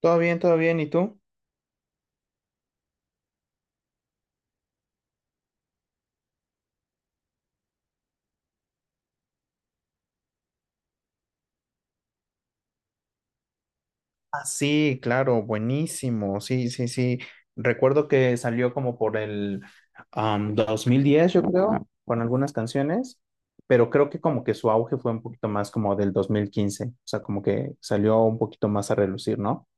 Todo bien, todo bien. ¿Y tú? Ah, sí, claro, buenísimo. Sí, sí, sí. Recuerdo que salió como por el 2010, yo creo, con algunas canciones, pero creo que como que su auge fue un poquito más como del 2015. O sea, como que salió un poquito más a relucir, ¿no?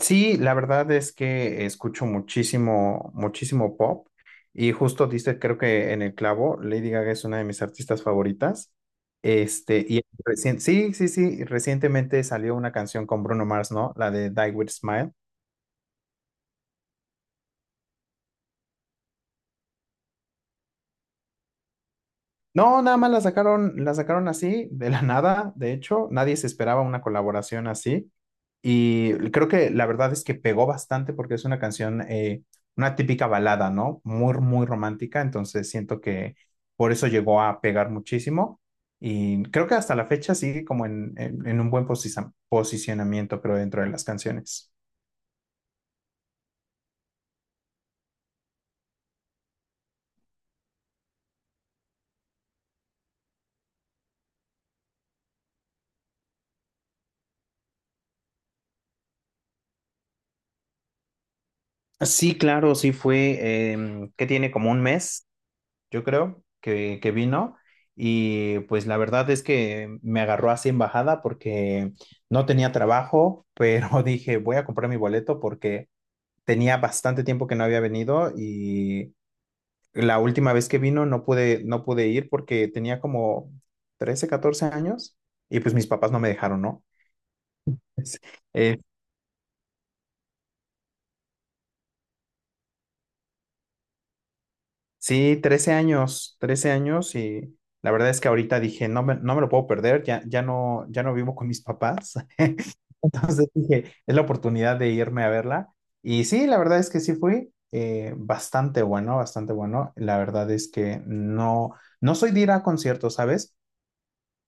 Sí, la verdad es que escucho muchísimo, muchísimo pop y justo diste, creo que en el clavo, Lady Gaga es una de mis artistas favoritas. Este, y sí, sí, sí, recientemente salió una canción con Bruno Mars, ¿no? La de Die With Smile. No, nada más la sacaron así, de la nada, de hecho, nadie se esperaba una colaboración así. Y creo que la verdad es que pegó bastante porque es una canción, una típica balada, ¿no? Muy, muy romántica, entonces siento que por eso llegó a pegar muchísimo. Y creo que hasta la fecha sigue como en un buen posicionamiento, creo, dentro de las canciones. Sí, claro, sí fue, que tiene como un mes yo creo, que vino. Y pues la verdad es que me agarró así en bajada porque no tenía trabajo, pero dije, voy a comprar mi boleto porque tenía bastante tiempo que no había venido y la última vez que vino no pude, no pude ir porque tenía como 13 14 años y pues mis papás no me dejaron, ¿no? Eh, sí, 13 años, 13 años y la verdad es que ahorita dije, no me lo puedo perder, ya, ya no vivo con mis papás. Entonces dije, es la oportunidad de irme a verla. Y sí, la verdad es que sí fui, bastante bueno, bastante bueno. La verdad es que no soy de ir a conciertos, ¿sabes?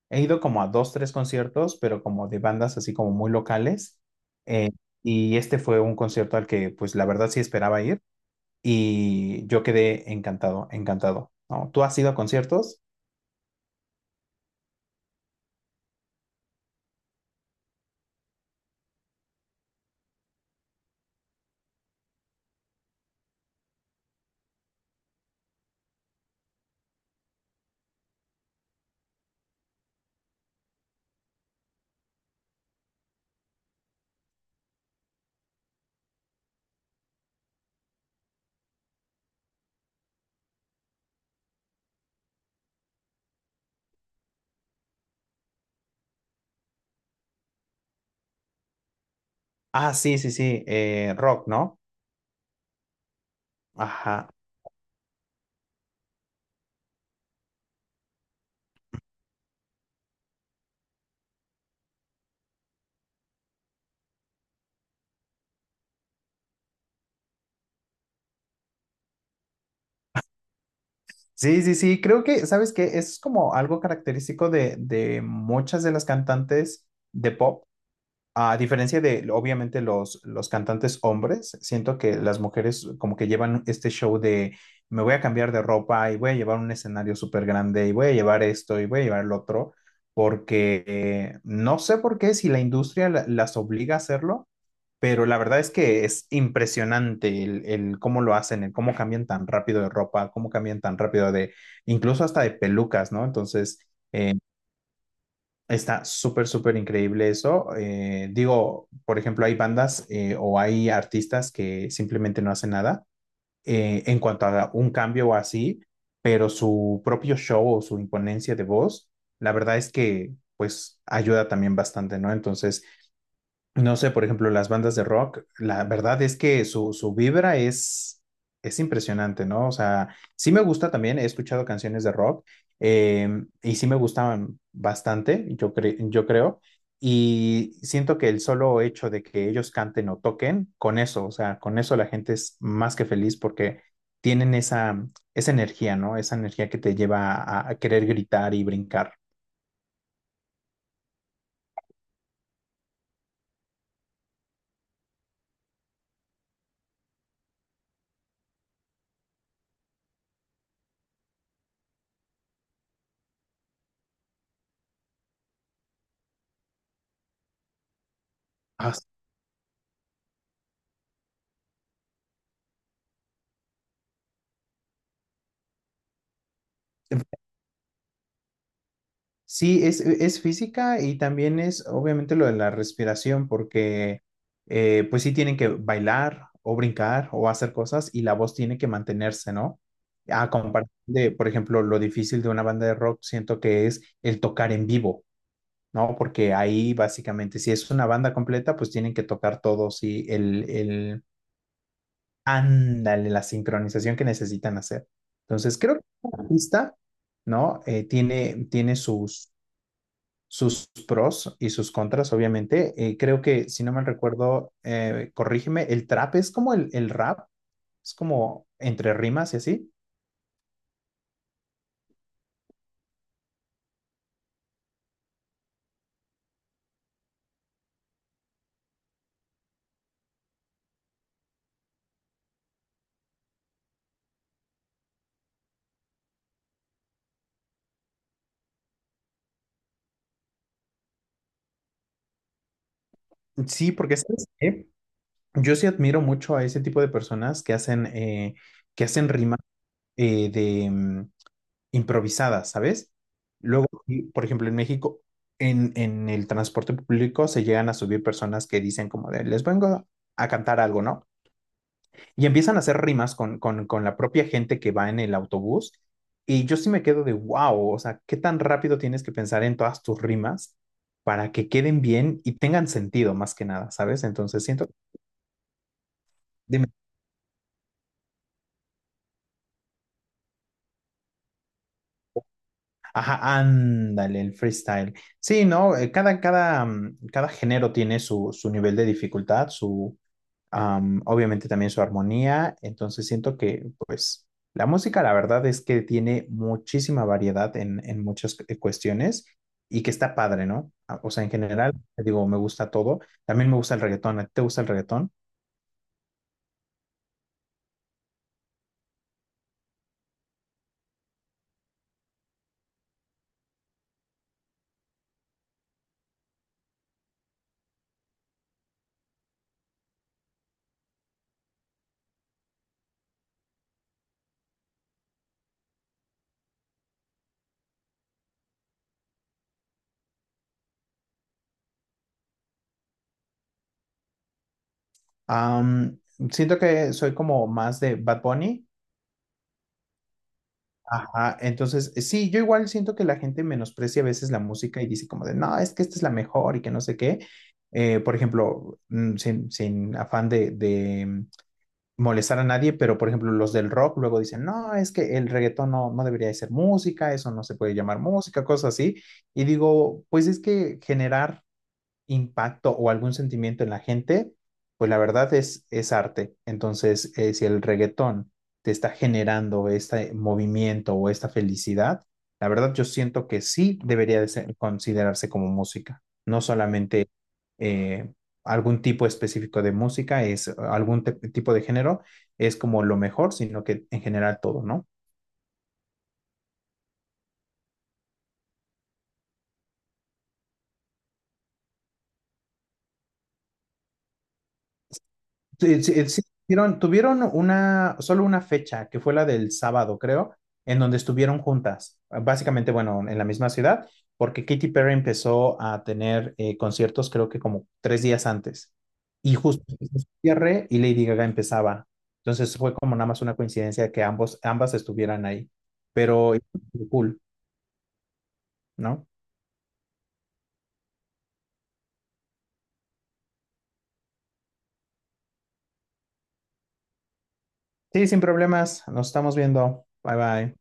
He ido como a dos, tres conciertos, pero como de bandas así como muy locales. Eh, y este fue un concierto al que pues la verdad sí esperaba ir y yo quedé encantado, encantado, ¿no? ¿Tú has ido a conciertos? Ah, sí, sí, sí, rock, ¿no? Ajá. Sí, sí, sí, creo que, ¿sabes qué? Es como algo característico de muchas de las cantantes de pop, a diferencia de, obviamente, los cantantes hombres, siento que las mujeres como que llevan este show de me voy a cambiar de ropa y voy a llevar un escenario súper grande y voy a llevar esto y voy a llevar lo otro, porque no sé por qué si la industria las obliga a hacerlo, pero la verdad es que es impresionante el cómo lo hacen, el cómo cambian tan rápido de ropa, cómo cambian tan rápido de, incluso hasta de pelucas, ¿no? Entonces, eh, está súper, súper increíble eso. Digo, por ejemplo, hay bandas, o hay artistas que simplemente no hacen nada, en cuanto a un cambio o así, pero su propio show o su imponencia de voz, la verdad es que pues ayuda también bastante, ¿no? Entonces, no sé, por ejemplo, las bandas de rock, la verdad es que su vibra es impresionante, ¿no? O sea, sí me gusta también, he escuchado canciones de rock, y sí me gustaban bastante, yo creo, y siento que el solo hecho de que ellos canten o toquen, con eso, o sea, con eso la gente es más que feliz porque tienen esa, energía, ¿no? Esa energía que te lleva a querer gritar y brincar. Ah, sí, es física y también es obviamente lo de la respiración, porque pues sí tienen que bailar o brincar o hacer cosas y la voz tiene que mantenerse, ¿no? A comparación de, por ejemplo, lo difícil de una banda de rock, siento que es el tocar en vivo, ¿no? Porque ahí básicamente, si es una banda completa, pues tienen que tocar todos y ándale, la sincronización que necesitan hacer. Entonces, creo que la pista, ¿no? Tiene sus pros y sus contras, obviamente. Creo que, si no mal recuerdo, corrígeme, el trap es como el rap, es como entre rimas y así. Sí, porque ¿sabes qué? Yo sí admiro mucho a ese tipo de personas que que hacen rimas, de improvisadas, ¿sabes? Luego, y, por ejemplo, en México, en el transporte público se llegan a subir personas que dicen como de, les vengo a cantar algo, ¿no? Y empiezan a hacer rimas con la propia gente que va en el autobús. Y yo sí me quedo de wow, o sea, qué tan rápido tienes que pensar en todas tus rimas para que queden bien y tengan sentido más que nada, ¿sabes? Entonces siento, dime, ajá, ándale, el freestyle. Sí, ¿no? Cada género tiene su nivel de dificultad, obviamente también su armonía, entonces siento que pues la música la verdad es que tiene muchísima variedad en muchas cuestiones y que está padre, ¿no? Ah, o sea, en general, te digo, me gusta todo, también me gusta el reggaetón. ¿A ti te gusta el reggaetón? Am, siento que soy como más de Bad Bunny. Ajá, entonces sí, yo igual siento que la gente menosprecia a veces la música y dice como de, no, es que esta es la mejor y que no sé qué. Por ejemplo, sin afán de molestar a nadie, pero por ejemplo los del rock luego dicen, no, es que el reggaetón no debería de ser música, eso no se puede llamar música, cosas así. Y digo, pues es que generar impacto o algún sentimiento en la gente, pues la verdad es arte. Entonces, si el reggaetón te está generando este movimiento o esta felicidad, la verdad yo siento que sí debería de considerarse como música, no solamente, eh, algún tipo específico de música, es algún tipo de género, es como lo mejor, sino que en general todo, ¿no? Sí, sí, sí, tuvieron solo una fecha, que fue la del sábado, creo, en donde estuvieron juntas, básicamente, bueno, en la misma ciudad, porque Katy Perry empezó a tener, conciertos, creo que como 3 días antes, y justo hizo su cierre y Lady Gaga empezaba. Entonces fue como nada más una coincidencia que ambos, ambas estuvieran ahí, pero cool, ¿no? Sí, sin problemas, nos estamos viendo. Bye bye.